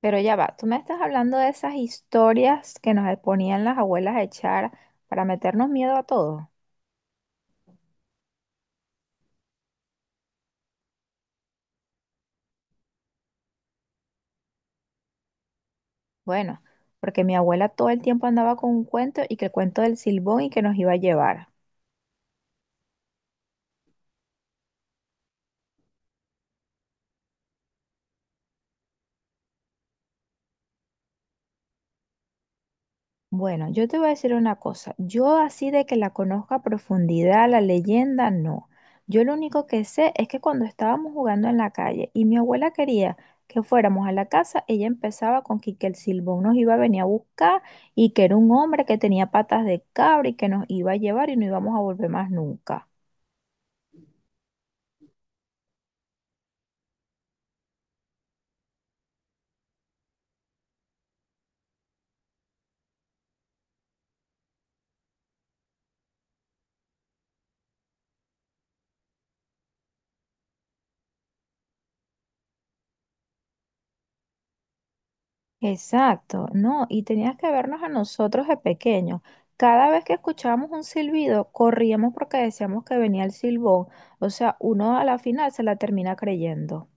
Pero ya va, tú me estás hablando de esas historias que nos ponían las abuelas a echar para meternos miedo a todos. Bueno, porque mi abuela todo el tiempo andaba con un cuento y que el cuento del silbón y que nos iba a llevar. Bueno, yo te voy a decir una cosa. Yo así de que la conozca a profundidad, la leyenda, no. Yo lo único que sé es que cuando estábamos jugando en la calle y mi abuela quería que fuéramos a la casa, ella empezaba con que el silbón nos iba a venir a buscar y que era un hombre que tenía patas de cabra y que nos iba a llevar y no íbamos a volver más nunca. Exacto, no, y tenías que vernos a nosotros de pequeños. Cada vez que escuchábamos un silbido, corríamos porque decíamos que venía el silbón. O sea, uno a la final se la termina creyendo.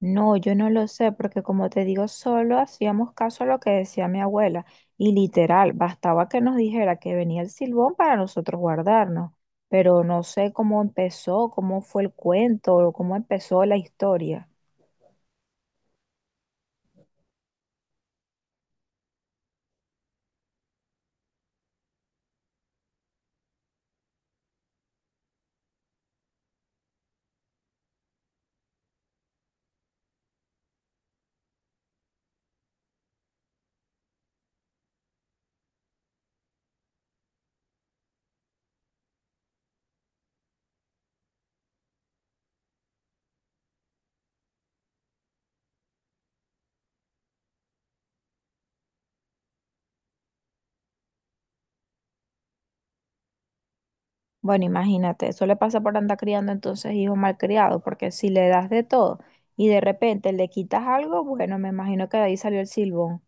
No, yo no lo sé, porque como te digo, solo hacíamos caso a lo que decía mi abuela. Y literal, bastaba que nos dijera que venía el silbón para nosotros guardarnos. Pero no sé cómo empezó, cómo fue el cuento, o cómo empezó la historia. Bueno, imagínate, eso le pasa por andar criando entonces hijos malcriados, porque si le das de todo y de repente le quitas algo, bueno, me imagino que de ahí salió el silbón.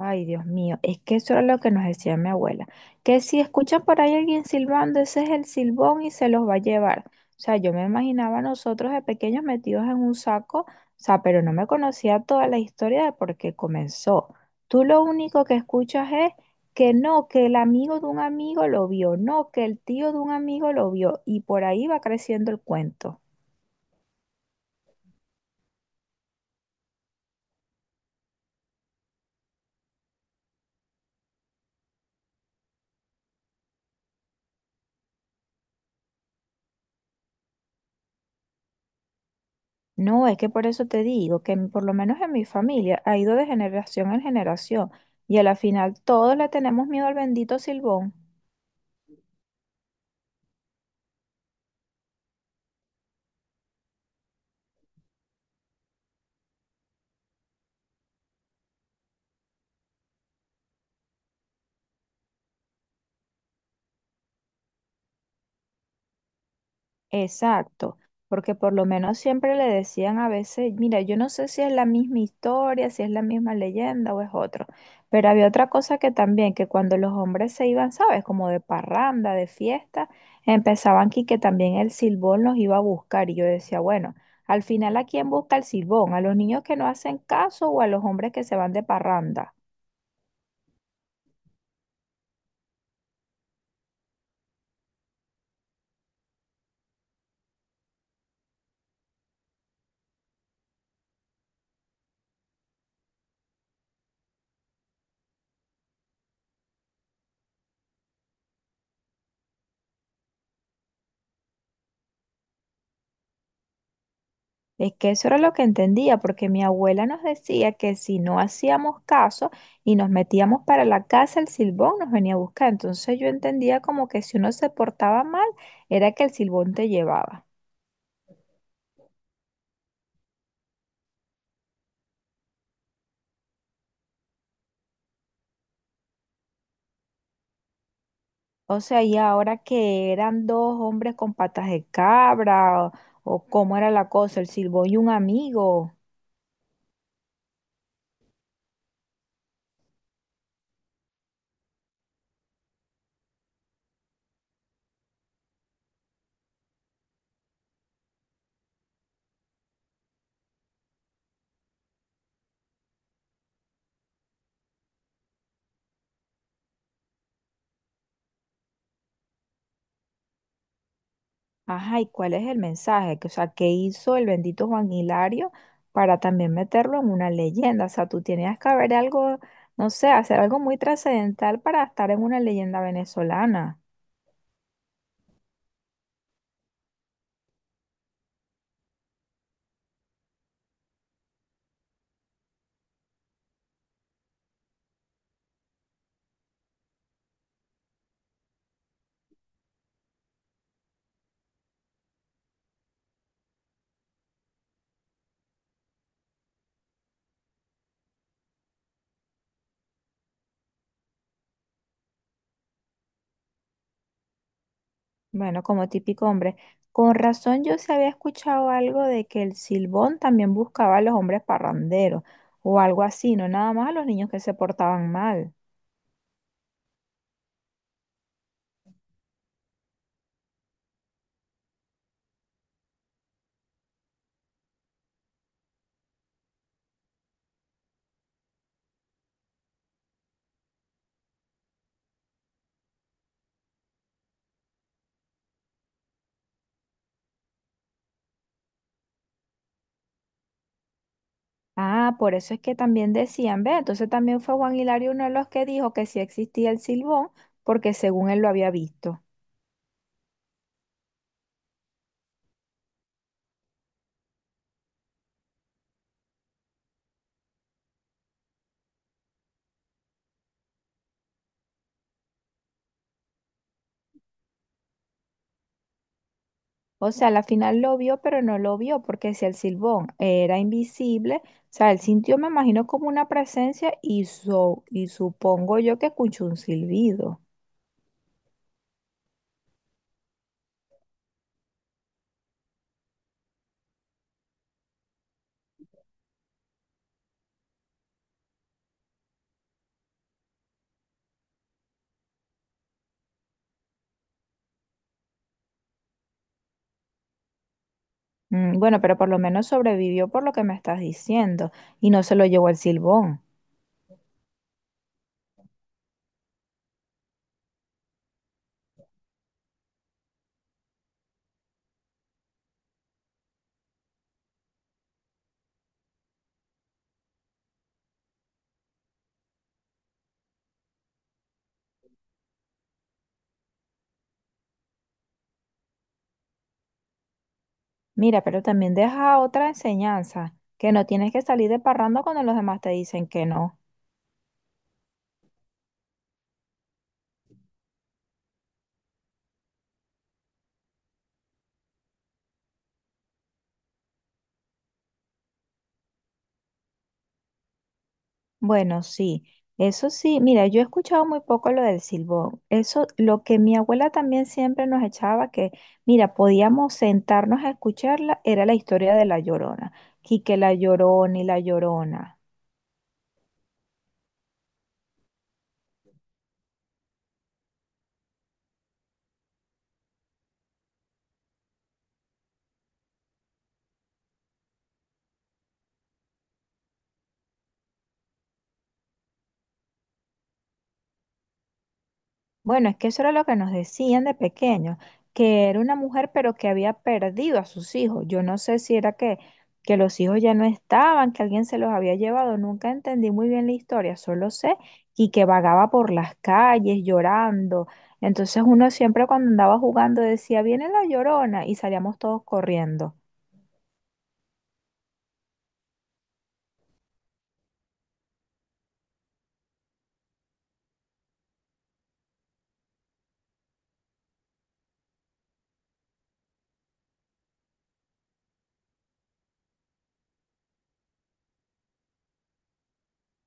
Ay, Dios mío, es que eso era lo que nos decía mi abuela, que si escuchan por ahí alguien silbando, ese es el silbón y se los va a llevar. O sea, yo me imaginaba a nosotros de pequeños metidos en un saco, o sea, pero no me conocía toda la historia de por qué comenzó. Tú lo único que escuchas es que no, que el amigo de un amigo lo vio, no, que el tío de un amigo lo vio, y por ahí va creciendo el cuento. No, es que por eso te digo que por lo menos en mi familia ha ido de generación en generación y a la final todos le tenemos miedo al bendito Silbón. Exacto, porque por lo menos siempre le decían a veces, mira, yo no sé si es la misma historia, si es la misma leyenda o es otro, pero había otra cosa que también, que cuando los hombres se iban, ¿sabes? Como de parranda, de fiesta, empezaban aquí que también el silbón los iba a buscar y yo decía, bueno, al final, ¿a quién busca el silbón? ¿A los niños que no hacen caso o a los hombres que se van de parranda? Es que eso era lo que entendía, porque mi abuela nos decía que si no hacíamos caso y nos metíamos para la casa, el silbón nos venía a buscar. Entonces yo entendía como que si uno se portaba mal, era que el silbón te llevaba. O sea, ¿y ahora que eran dos hombres con patas de cabra, o cómo era la cosa, el silbón y un amigo? Ajá, ¿y cuál es el mensaje? Que, o sea, ¿qué hizo el bendito Juan Hilario para también meterlo en una leyenda? O sea, tú tenías que haber algo, no sé, hacer algo muy trascendental para estar en una leyenda venezolana. Bueno, como típico hombre. Con razón yo se había escuchado algo de que el Silbón también buscaba a los hombres parranderos o algo así, no nada más a los niños que se portaban mal. Ah, por eso es que también decían, ve, entonces también fue Juan Hilario uno de los que dijo que sí existía el silbón, porque según él lo había visto. O sea, al final lo vio, pero no lo vio, porque si el silbón era invisible, o sea, él sintió, me imagino, como una presencia y, y supongo yo que escuchó un silbido. Mm, bueno, pero por lo menos sobrevivió por lo que me estás diciendo y no se lo llevó el silbón. Mira, pero también deja otra enseñanza, que no tienes que salir de parranda cuando los demás te dicen que no. Bueno, sí, eso sí, mira, yo he escuchado muy poco lo del silbón. Eso, lo que mi abuela también siempre nos echaba, que, mira, podíamos sentarnos a escucharla, era la historia de la Llorona, Quique la Llorona y la Llorona. Bueno, es que eso era lo que nos decían de pequeños, que era una mujer pero que había perdido a sus hijos. Yo no sé si era que los hijos ya no estaban, que alguien se los había llevado, nunca entendí muy bien la historia, solo sé y que vagaba por las calles llorando. Entonces uno siempre cuando andaba jugando decía, viene la llorona y salíamos todos corriendo.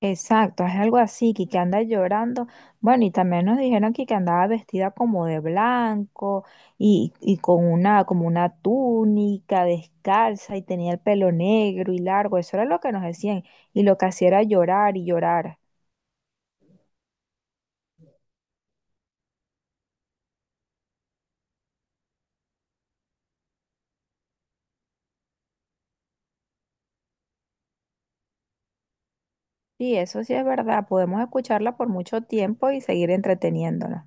Exacto, es algo así, que anda llorando. Bueno, y también nos dijeron que andaba vestida como de blanco y con una, como una túnica descalza y tenía el pelo negro y largo. Eso era lo que nos decían. Y lo que hacía era llorar y llorar. Sí, eso sí es verdad. Podemos escucharla por mucho tiempo y seguir entreteniéndonos.